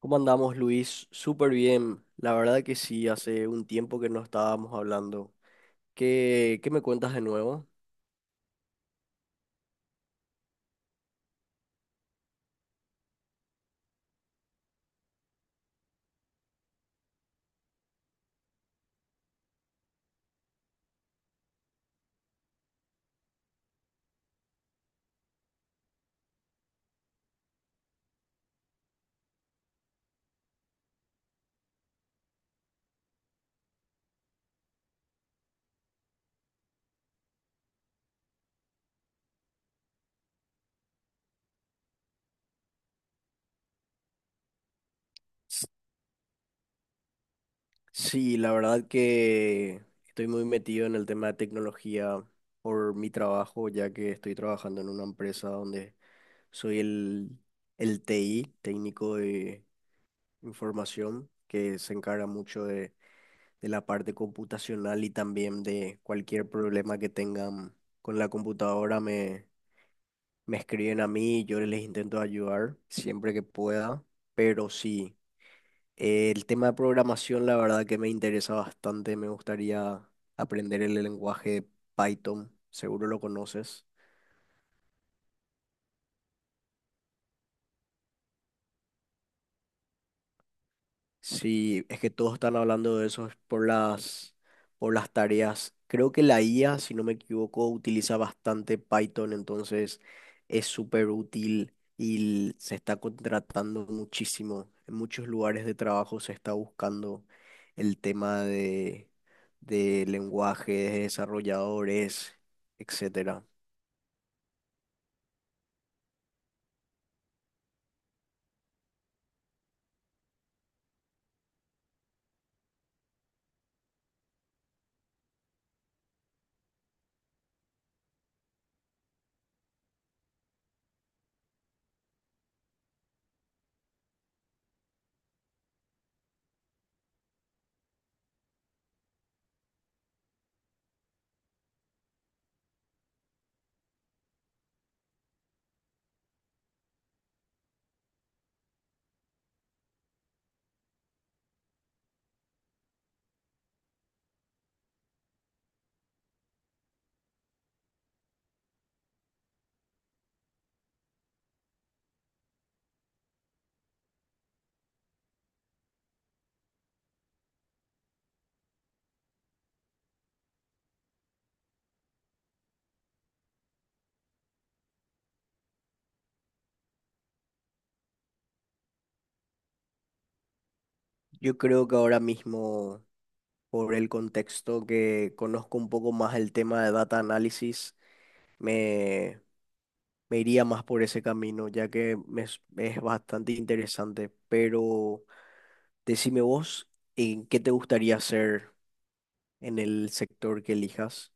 ¿Cómo andamos, Luis? Súper bien. La verdad que sí, hace un tiempo que no estábamos hablando. ¿Qué me cuentas de nuevo? Sí, la verdad que estoy muy metido en el tema de tecnología por mi trabajo, ya que estoy trabajando en una empresa donde soy el TI, técnico de información, que se encarga mucho de la parte computacional y también de cualquier problema que tengan con la computadora. Me escriben a mí, yo les intento ayudar siempre que pueda, pero sí, el tema de programación la verdad que me interesa bastante, me gustaría aprender el lenguaje Python, seguro lo conoces. Sí, es que todos están hablando de eso, es por las tareas. Creo que la IA, si no me equivoco, utiliza bastante Python, entonces es súper útil y se está contratando muchísimo. En muchos lugares de trabajo se está buscando el tema de lenguajes, de desarrolladores, etcétera. Yo creo que ahora mismo, por el contexto, que conozco un poco más el tema de data análisis, me me iría más por ese camino, ya que me es bastante interesante. Pero decime vos, ¿en qué te gustaría hacer en el sector que elijas?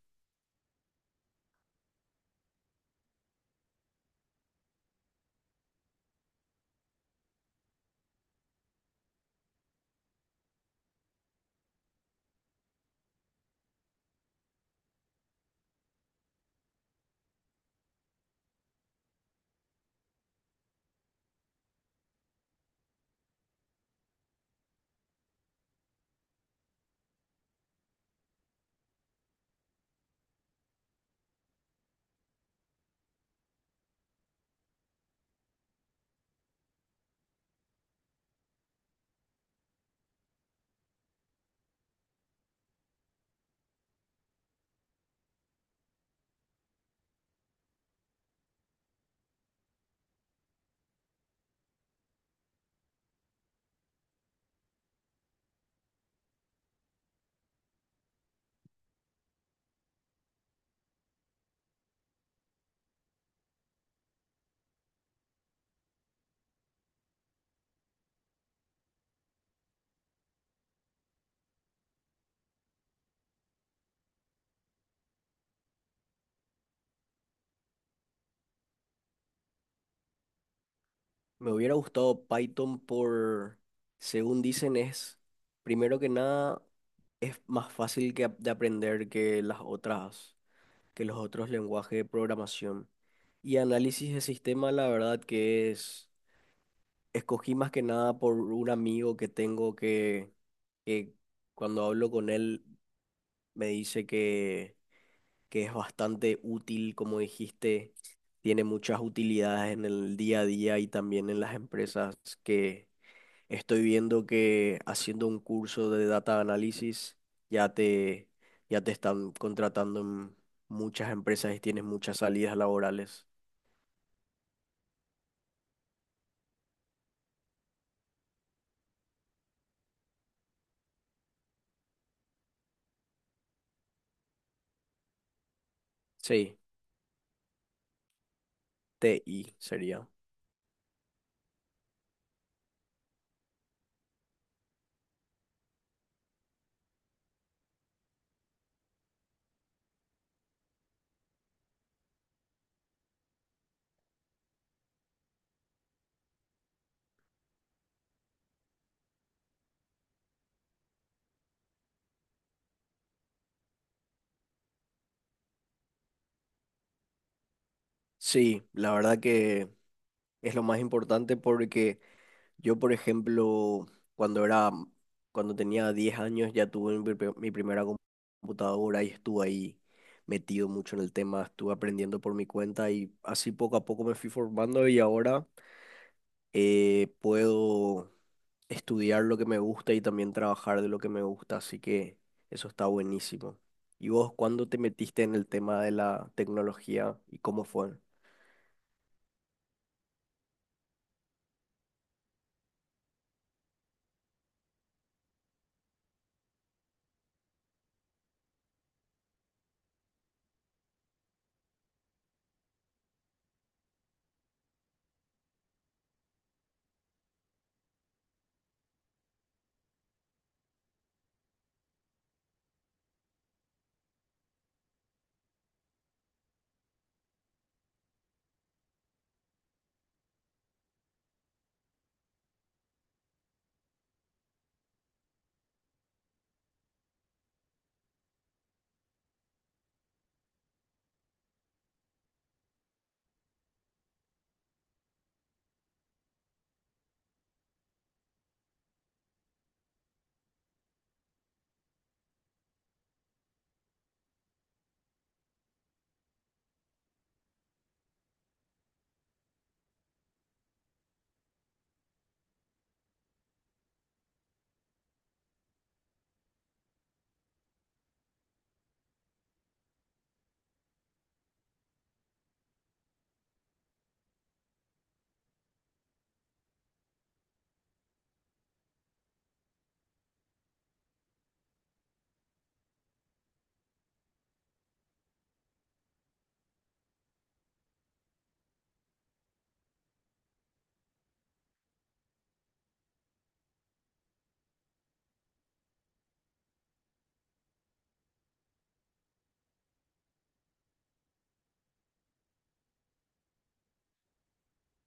Me hubiera gustado Python por, según dicen, es, primero que nada, es más fácil de aprender que las otras, que los otros lenguajes de programación. Y análisis de sistema, la verdad que es, escogí más que nada por un amigo que tengo que cuando hablo con él me dice que es bastante útil, como dijiste, tiene muchas utilidades en el día a día y también en las empresas, que estoy viendo que haciendo un curso de data análisis ya te, ya te están contratando en muchas empresas y tienes muchas salidas laborales. Sí, TI sería. Sí, la verdad que... es lo más importante porque yo, por ejemplo, cuando era, cuando tenía 10 años ya tuve mi primera computadora y estuve ahí metido mucho en el tema, estuve aprendiendo por mi cuenta y así poco a poco me fui formando y ahora puedo estudiar lo que me gusta y también trabajar de lo que me gusta, así que eso está buenísimo. ¿Y vos cuándo te metiste en el tema de la tecnología y cómo fue?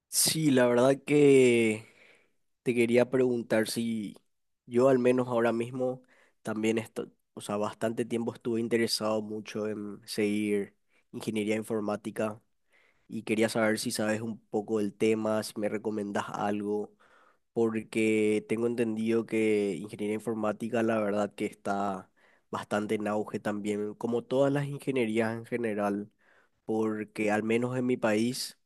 Sí, la verdad que te quería preguntar si yo, al menos ahora mismo, también estoy, o sea, bastante tiempo estuve interesado mucho en seguir ingeniería informática y quería saber si sabes un poco del tema, si me recomendás algo, porque tengo entendido que ingeniería informática la verdad que está bastante en auge también, como todas las ingenierías en general, porque al menos en mi país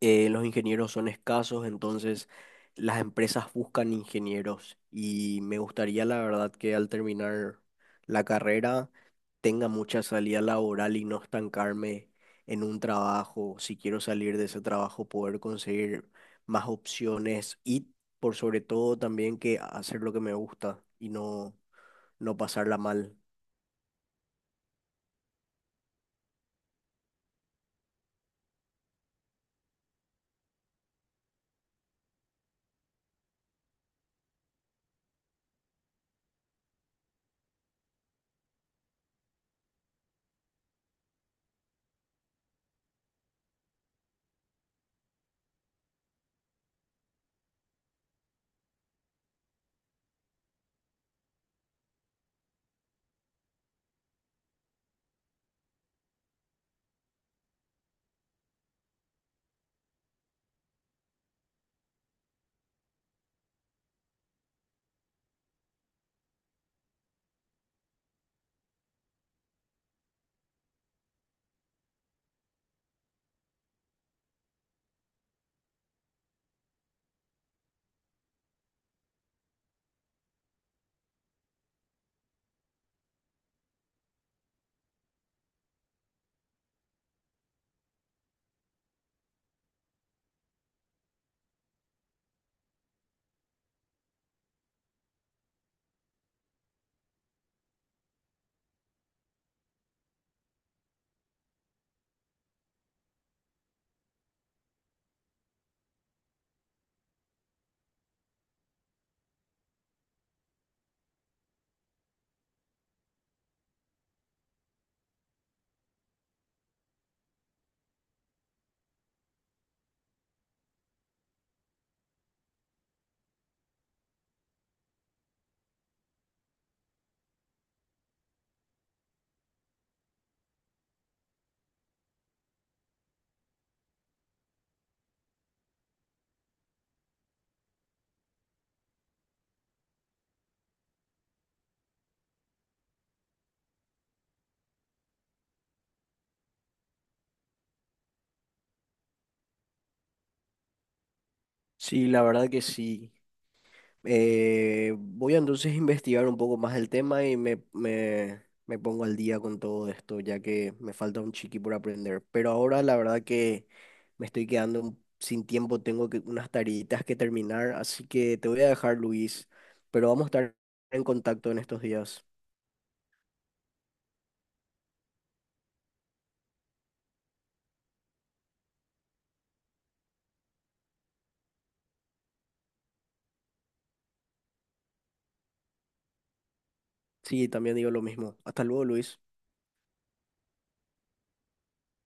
los ingenieros son escasos, entonces las empresas buscan ingenieros y me gustaría la verdad que al terminar la carrera tenga mucha salida laboral y no estancarme en un trabajo. Si quiero salir de ese trabajo, poder conseguir más opciones y por sobre todo también que hacer lo que me gusta y no, no pasarla mal. Sí, la verdad que sí. Voy a entonces investigar un poco más el tema y me pongo al día con todo esto, ya que me falta un chiqui por aprender. Pero ahora la verdad que me estoy quedando sin tiempo, tengo que, unas tareitas que terminar, así que te voy a dejar, Luis, pero vamos a estar en contacto en estos días. Sí, también digo lo mismo. Hasta luego, Luis.